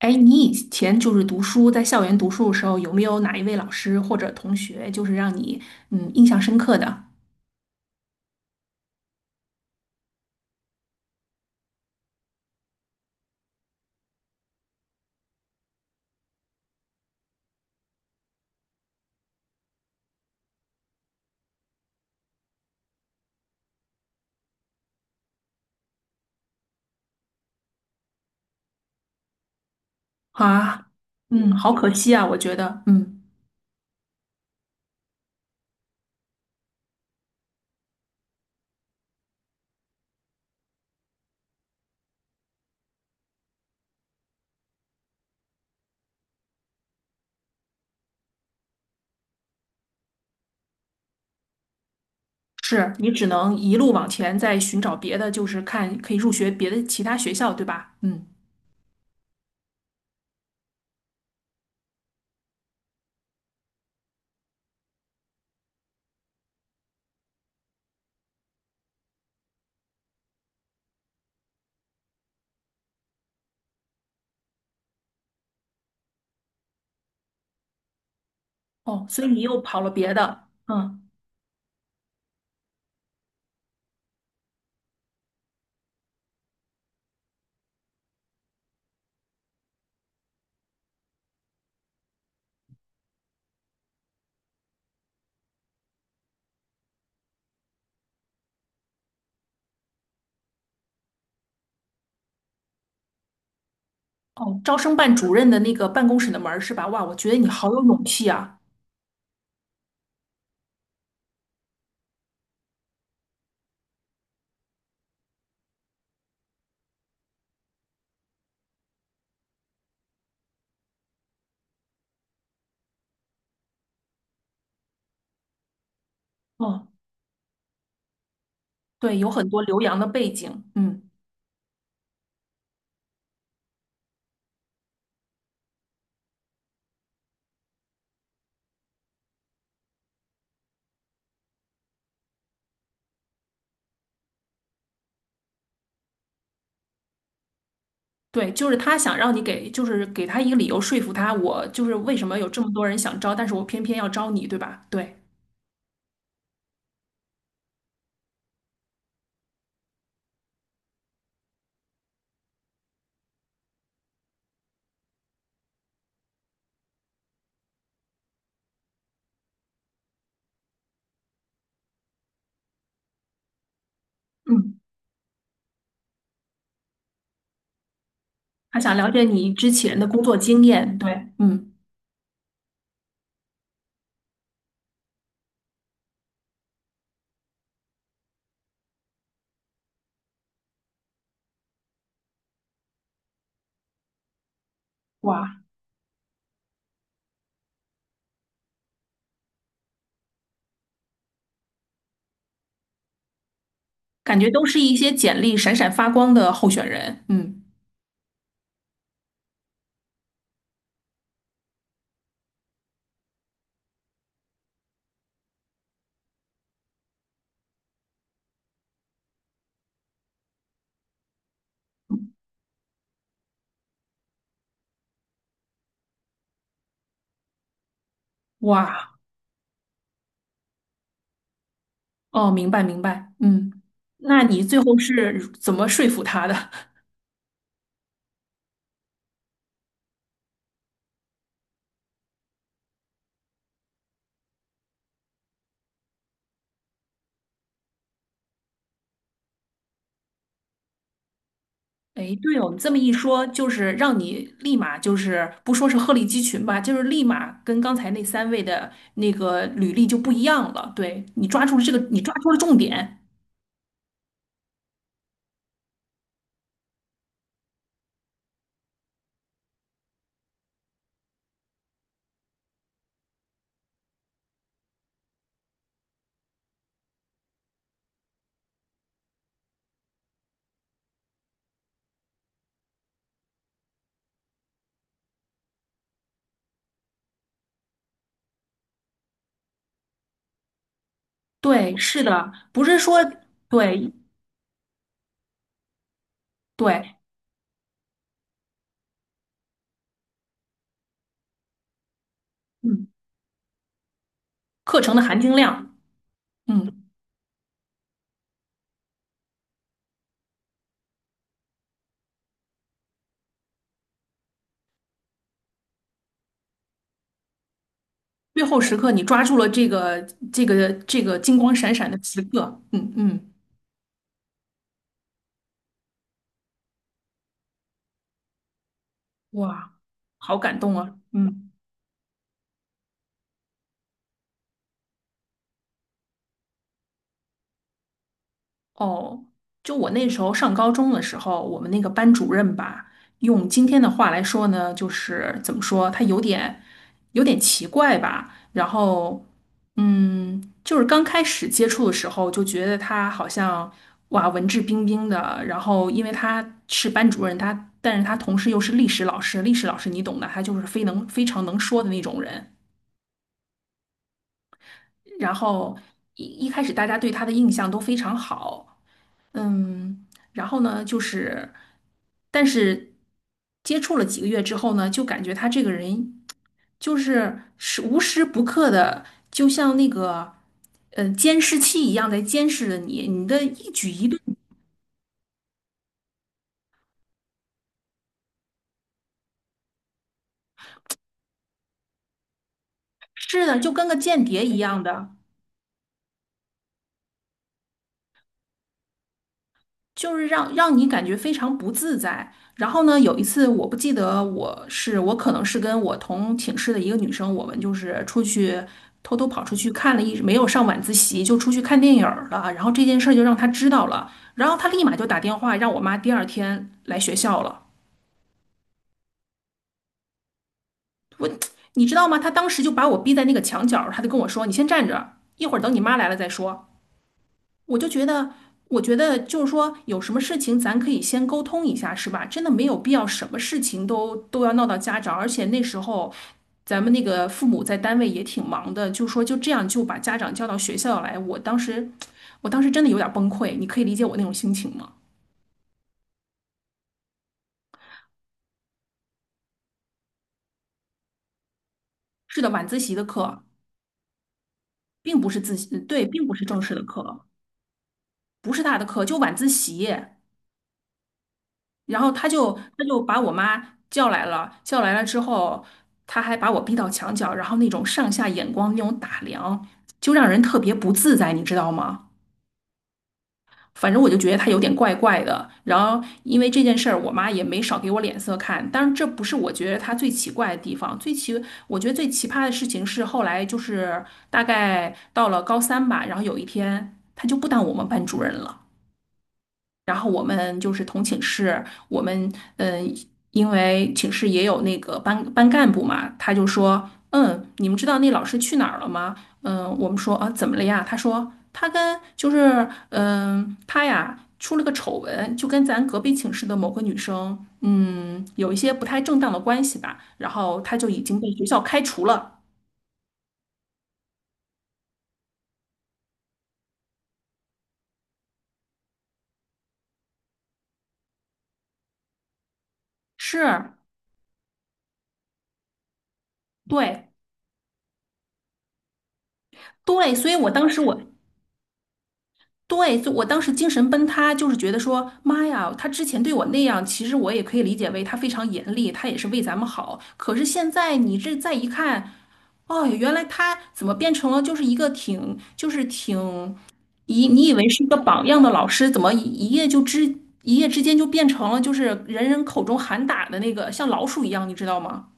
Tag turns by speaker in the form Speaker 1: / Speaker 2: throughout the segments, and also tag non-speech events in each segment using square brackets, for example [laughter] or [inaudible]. Speaker 1: 哎，你以前就是读书，在校园读书的时候，有没有哪一位老师或者同学，就是让你印象深刻的啊？嗯，好可惜啊，我觉得，嗯，是你只能一路往前再寻找别的，就是看可以入学别的其他学校，对吧？嗯，哦，所以你又跑了别的，嗯，哦，招生办主任的那个办公室的门儿是吧？哇，我觉得你好有勇气啊。哦，对，有很多留洋的背景，嗯。对，就是他想让你给，就是给他一个理由说服他，我就是为什么有这么多人想招，但是我偏偏要招你，对吧？对，嗯，他想了解你之前的工作经验，对，嗯，哇，感觉都是一些简历闪闪发光的候选人，嗯，哇，哦，明白明白，嗯，那你最后是怎么说服他的？哎，对哦，你这么一说，就是让你立马就是不说是鹤立鸡群吧，就是立马跟刚才那三位的那个履历就不一样了。对，你抓住了这个，你抓住了重点。对，是的，不是说对对，嗯，课程的含金量，嗯，最后时刻你抓住了这个这个金光闪闪的时刻，嗯嗯，哇，好感动啊，嗯。哦，就我那时候上高中的时候，我们那个班主任吧，用今天的话来说呢，就是怎么说，他有点奇怪吧。然后，嗯，就是刚开始接触的时候，就觉得他好像哇，文质彬彬的。然后，因为他是班主任，他但是他同时又是历史老师，历史老师你懂的，他就是非常能说的那种人。然后一开始大家对他的印象都非常好。嗯，然后呢，就是，但是接触了几个月之后呢，就感觉他这个人就是无时不刻的，就像那个监视器一样在监视着你，你的一举一动是的，就跟个间谍一样的。就是让你感觉非常不自在。然后呢，有一次我不记得我是我可能是跟我同寝室的一个女生，我们就是出去偷偷跑出去看了一，没有上晚自习就出去看电影儿了。然后这件事儿就让她知道了，然后她立马就打电话让我妈第二天来学校了。你知道吗？她当时就把我逼在那个墙角儿，她就跟我说：“你先站着，一会儿等你妈来了再说。”我就觉得，我觉得就是说，有什么事情咱可以先沟通一下，是吧？真的没有必要什么事情都要闹到家长，而且那时候咱们那个父母在单位也挺忙的，就说就这样就把家长叫到学校来，我当时，我当时真的有点崩溃，你可以理解我那种心情吗？是的，晚自习的课并不是自习，对，并不是正式的课，不是他的课，就晚自习。然后他就把我妈叫来了，叫来了之后，他还把我逼到墙角，然后那种上下眼光那种打量，就让人特别不自在，你知道吗？反正我就觉得他有点怪怪的。然后因为这件事儿，我妈也没少给我脸色看。但是这不是我觉得他最奇怪的地方，最奇我觉得最奇葩的事情是后来就是大概到了高三吧，然后有一天他就不当我们班主任了。然后我们就是同寝室，我们嗯，呃因为寝室也有那个班干部嘛，他就说，嗯，你们知道那老师去哪儿了吗？嗯，我们说啊，怎么了呀？他说他跟他呀出了个丑闻，就跟咱隔壁寝室的某个女生，嗯，有一些不太正当的关系吧，然后他就已经被学校开除了。是，对对，所以我当时我对，就我当时精神崩塌，就是觉得说，妈呀，他之前对我那样，其实我也可以理解为他非常严厉，他也是为咱们好。可是现在你这再一看，哦，原来他怎么变成了就是一个挺，就是挺以你以为是一个榜样的老师，怎么一一夜一夜之间就变成了就是人人口中喊打的那个像老鼠一样，你知道吗？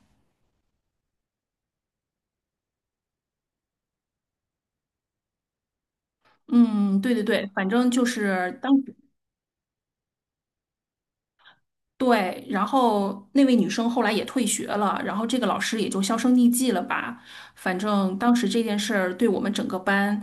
Speaker 1: 嗯，对对对，反正就是当。对，然后那位女生后来也退学了，然后这个老师也就销声匿迹了吧。反正当时这件事儿对我们整个班，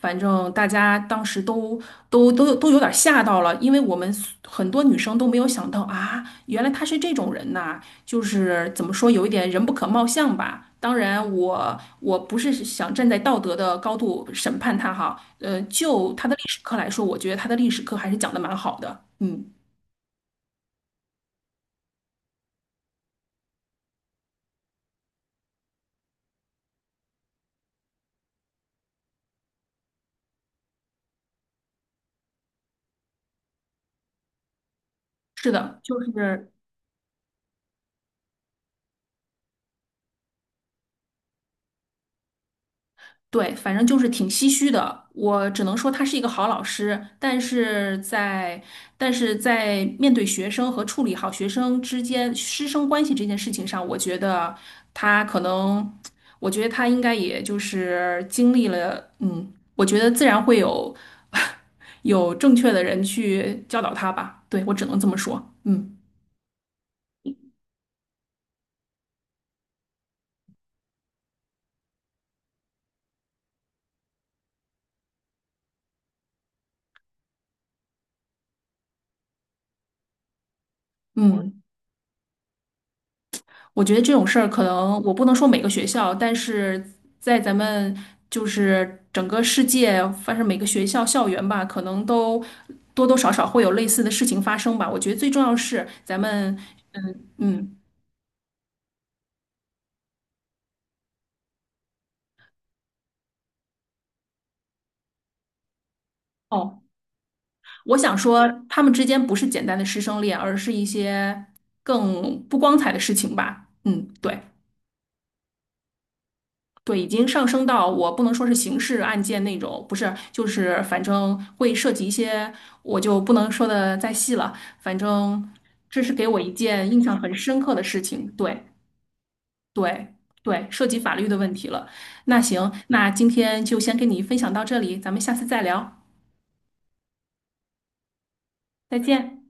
Speaker 1: 反正大家当时都都有点吓到了，因为很多女生都没有想到啊，原来她是这种人呐，就是怎么说有一点人不可貌相吧。当然我，我不是想站在道德的高度审判她哈，就她的历史课来说，我觉得她的历史课还是讲的蛮好的，嗯。是的，就是对，反正就是挺唏嘘的。我只能说他是一个好老师，但是在但是在面对学生和处理好学生之间师生关系这件事情上，我觉得他可能，我觉得他应该也就是经历了，嗯，我觉得自然会有 [laughs] 有正确的人去教导他吧。对，我只能这么说。嗯嗯。我觉得这种事儿可能我不能说每个学校，但是在咱们就是整个世界，反正每个学校校园吧，可能都多多少少会有类似的事情发生吧。我觉得最重要是咱们，嗯，哦，我想说他们之间不是简单的师生恋，而是一些更不光彩的事情吧。嗯，对。对，已经上升到我不能说是刑事案件那种，不是，就是反正会涉及一些，我就不能说的再细了。反正这是给我一件印象很深刻的事情，对对对，涉及法律的问题了。那行，那今天就先跟你分享到这里，咱们下次再聊，再见。